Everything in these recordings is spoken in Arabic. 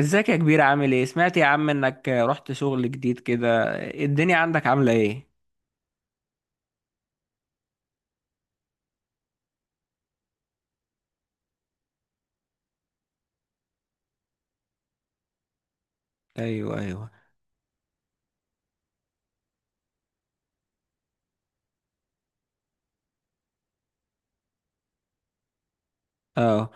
ازيك يا كبير عامل ايه؟ سمعت يا عم انك رحت شغل جديد كده. الدنيا عندك عاملة ايه؟ ايوه، ايوه، اه،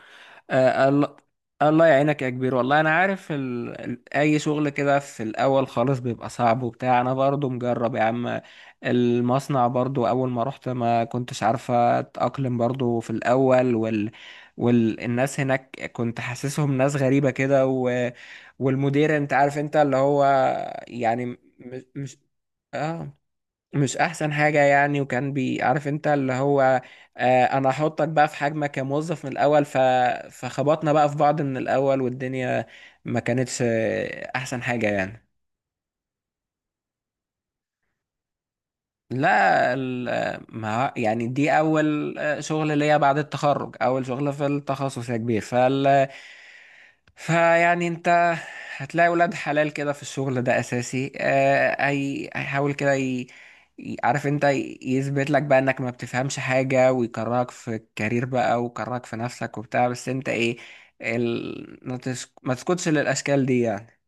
الله. الله يعينك يا كبير، والله انا عارف اي شغل كده في الاول خالص بيبقى صعب وبتاع، انا برضو مجرب يا عم. المصنع برضو اول ما رحت ما كنتش عارفة اتأقلم برضو في الاول والناس هناك كنت حاسسهم ناس غريبة كده والمدير انت عارف انت اللي هو يعني مش، اه، مش احسن حاجة يعني، وكان بيعرف انت اللي هو، آه، انا هحطك بقى في حجمك كموظف من الاول، فخبطنا بقى في بعض من الاول، والدنيا ما كانتش احسن حاجة يعني. لا ال- ما يعني دي اول شغل ليا بعد التخرج، اول شغل في التخصص يا كبير، فال فيعني انت هتلاقي ولاد حلال كده في الشغل ده اساسي، هي هيحاول كده عارف انت يثبت لك بقى انك ما بتفهمش حاجة، ويكرهك في الكارير بقى، ويكرهك في نفسك وبتاع. بس انت ايه، ال... ما تسك- ما تسكتش للاشكال دي يعني.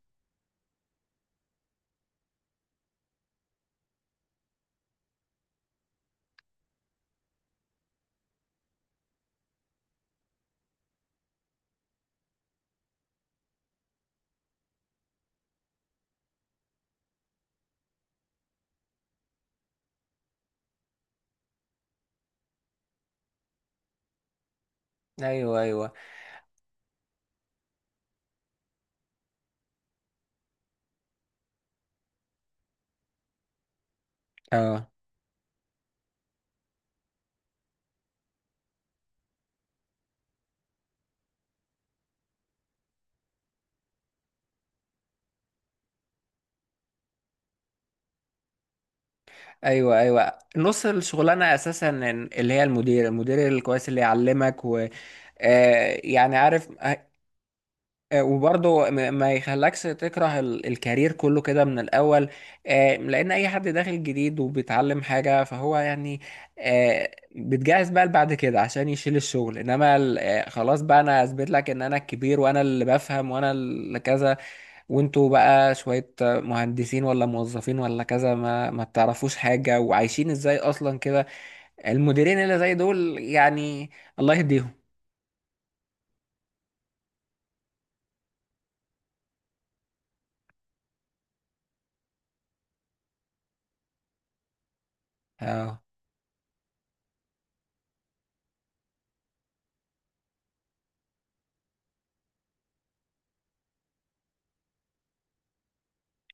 ايوه، ايوه، اه. ايوه، ايوه، نص الشغلانه اساسا اللي هي المدير، الكويس اللي يعلمك، و يعني عارف، وبرضه ما يخلكش تكره الكارير كله كده من الاول، لان اي حد داخل جديد وبيتعلم حاجه فهو يعني آه، بتجهز بقى بعد كده عشان يشيل الشغل. انما خلاص بقى، انا اثبت لك ان انا الكبير، وانا اللي بفهم، وانا اللي كذا، وانتوا بقى شوية مهندسين ولا موظفين ولا كذا ما بتعرفوش حاجة، وعايشين ازاي اصلا كده. المديرين اللي زي دول يعني الله يهديهم. اه،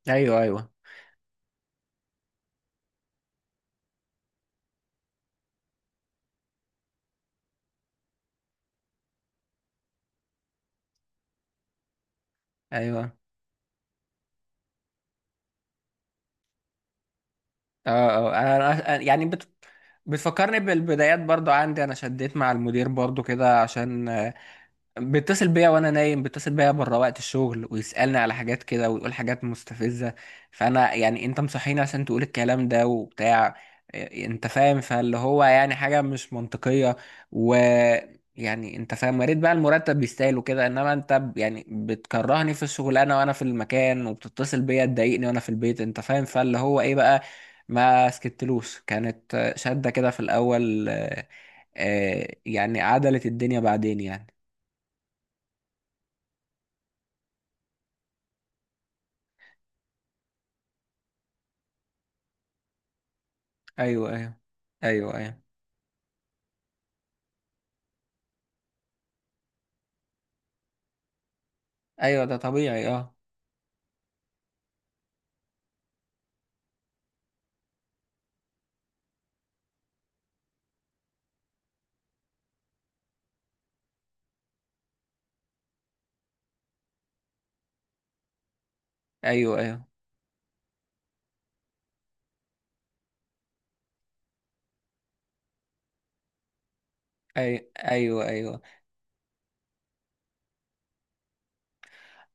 ايوه، ايوه، ايوه، اه، اه، يعني بتفكرني بالبدايات. برضو عندي انا شديت مع المدير برضو كده، عشان بيتصل بيا وانا نايم، بيتصل بيا بره وقت الشغل ويسألني على حاجات كده، ويقول حاجات مستفزة. فانا يعني انت مصحيني عشان تقول الكلام ده وبتاع إيه، انت فاهم؟ فاللي هو يعني حاجة مش منطقية. و يعني انت فاهم، يا ريت بقى المرتب يستاهل وكده، انما انت يعني بتكرهني في الشغلانة وانا في المكان، وبتتصل بيا تضايقني وانا في البيت، انت فاهم؟ فاللي هو ايه بقى، ما سكتلوش، كانت شدة كده في الاول يعني عدلت الدنيا بعدين يعني. ايوه، ايوه، ايوه، ايوه، ايوه، ده طبيعي، اه. ايوه، ايوه، ايوه، ايوه، ايوه،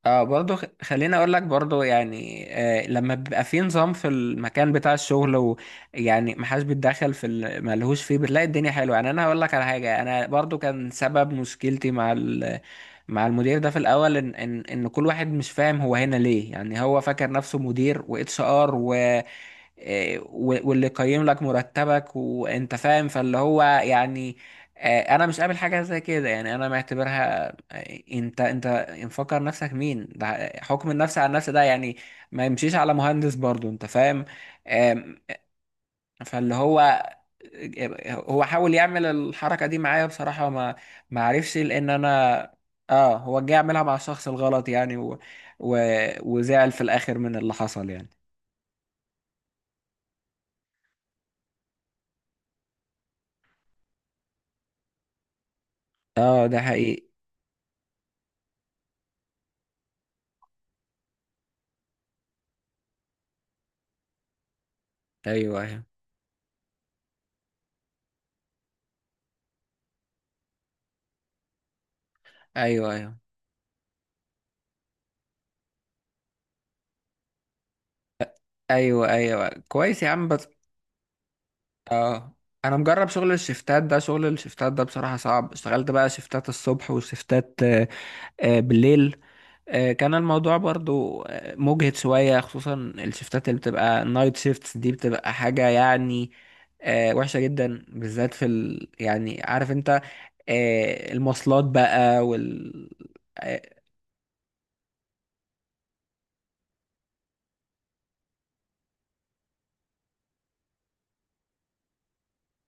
اه، برضه خليني اقول لك برضه يعني، آه، لما بيبقى في نظام في المكان بتاع الشغل ويعني محدش بيتدخل في ملهوش فيه، بتلاقي الدنيا حلوه يعني. انا هقول لك على حاجه، انا برضه كان سبب مشكلتي مع مع المدير ده في الاول، ان كل واحد مش فاهم هو هنا ليه، يعني هو فاكر نفسه مدير واتش ار، واللي يقيم لك مرتبك، وانت فاهم؟ فاللي هو يعني، انا مش قابل حاجه زي كده يعني، انا معتبرها انت، مفكر نفسك مين ده؟ حكم النفس على النفس ده يعني ما يمشيش على مهندس برضو، انت فاهم؟ آم، فاللي هو هو حاول يعمل الحركه دي معايا بصراحه، ما عرفش لان انا اه، هو جه يعملها مع الشخص الغلط يعني، و... وزعل في الاخر من اللي حصل يعني. اه، ده حقيقي. ايوه، ايوه، ايوه، ايوه، ايوه، ايوه، كويس يا عم، بس اه، انا مجرب شغل الشفتات ده. شغل الشفتات ده بصراحة صعب. اشتغلت بقى شفتات الصبح وشفتات بالليل. كان الموضوع برضو مجهد شوية، خصوصا الشفتات اللي بتبقى نايت شيفتس دي بتبقى حاجة يعني وحشة جدا، بالذات في يعني عارف انت المواصلات بقى اه،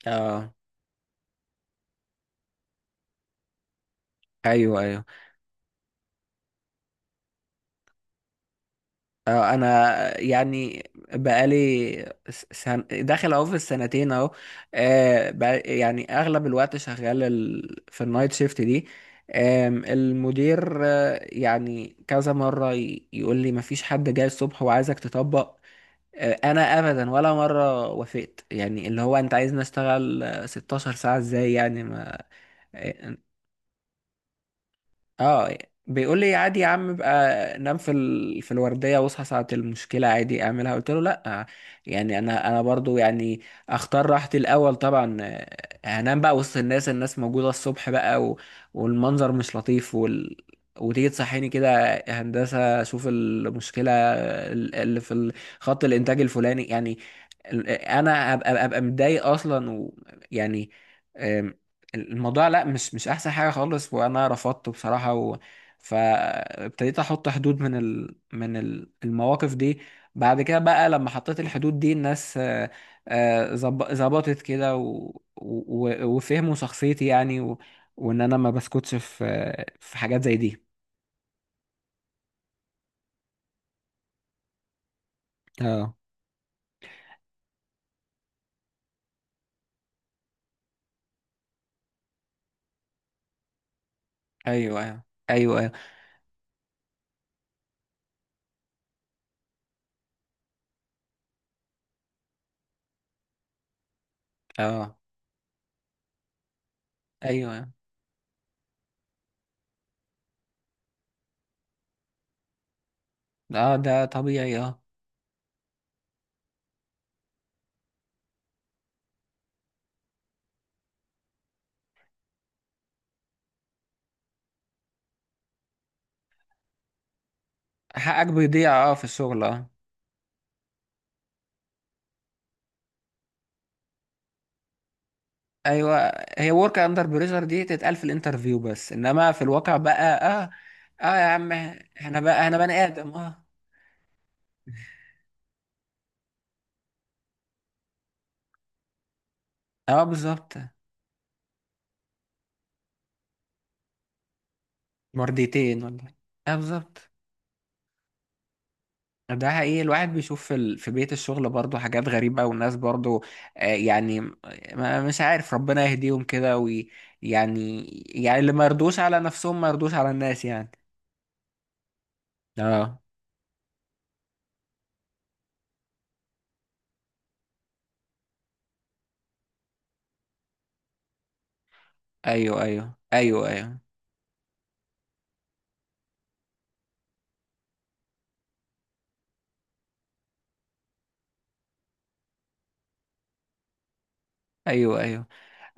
آه، ايوه، ايوه. انا يعني بقالي داخل اهو في السنتين اهو، يعني اغلب الوقت شغال في النايت شيفت دي. آم، المدير يعني كذا مرة يقول لي مفيش حد جاي الصبح وعايزك تطبق، انا ابدا ولا مرة وافقت يعني. اللي هو انت عايزني اشتغل 16 ساعة ازاي يعني؟ ما آه، اه، بيقول لي عادي يا عم بقى نام في في الورديه واصحى ساعه المشكله عادي اعملها. قلت له لا، يعني انا برضو يعني اختار راحتي الاول طبعا. هنام بقى وسط الناس، الناس موجوده الصبح بقى، والمنظر مش لطيف، وتيجي تصحيني كده هندسه شوف المشكله اللي في خط الانتاج الفلاني يعني، انا ابقى متضايق اصلا. ويعني الموضوع لا، مش، مش احسن حاجه خالص، وانا رفضته بصراحه فابتديت احط حدود من المواقف دي. بعد كده بقى لما حطيت الحدود دي الناس ظبطت كده وفهموا شخصيتي يعني وان انا ما بسكتش في في حاجات زي دي. اه، ايوه، ايوه، ايوه، ايوه، اه، ايوه، اه، ده طبيعي، اه. حقك بيضيع اه في الشغل، اه، ايوه. هي ورك اندر بريشر دي تتقال في الانترفيو بس، انما في الواقع بقى اه، اه يا عم، احنا بقى احنا بني ادم، اه، اه، بالظبط. مرديتين والله، اه، بالظبط. ده حقيقي، الواحد بيشوف في في بيت الشغل برضه حاجات غريبة، والناس برضه يعني ما مش عارف، ربنا يهديهم كده يعني، يعني اللي ما يرضوش على نفسهم ما يرضوش على الناس يعني. اه، ايوه، ايوه، ايوه، ايوه، ايوه، ايوه،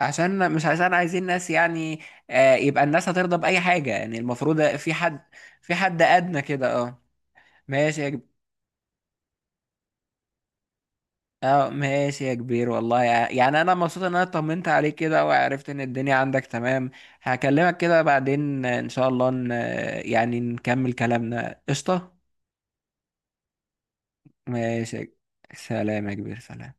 عشان مش عشان عايزين ناس يعني، يبقى الناس هترضى بأي حاجة يعني. المفروض في حد، في حد أدنى كده، اه. ماشي يا اه ماشي يا كبير، والله يعني انا مبسوط ان انا طمنت عليك كده، وعرفت ان الدنيا عندك تمام. هكلمك كده بعدين ان شاء الله يعني نكمل كلامنا. قشطة. ماشي يا ك-. سلام يا كبير، سلام.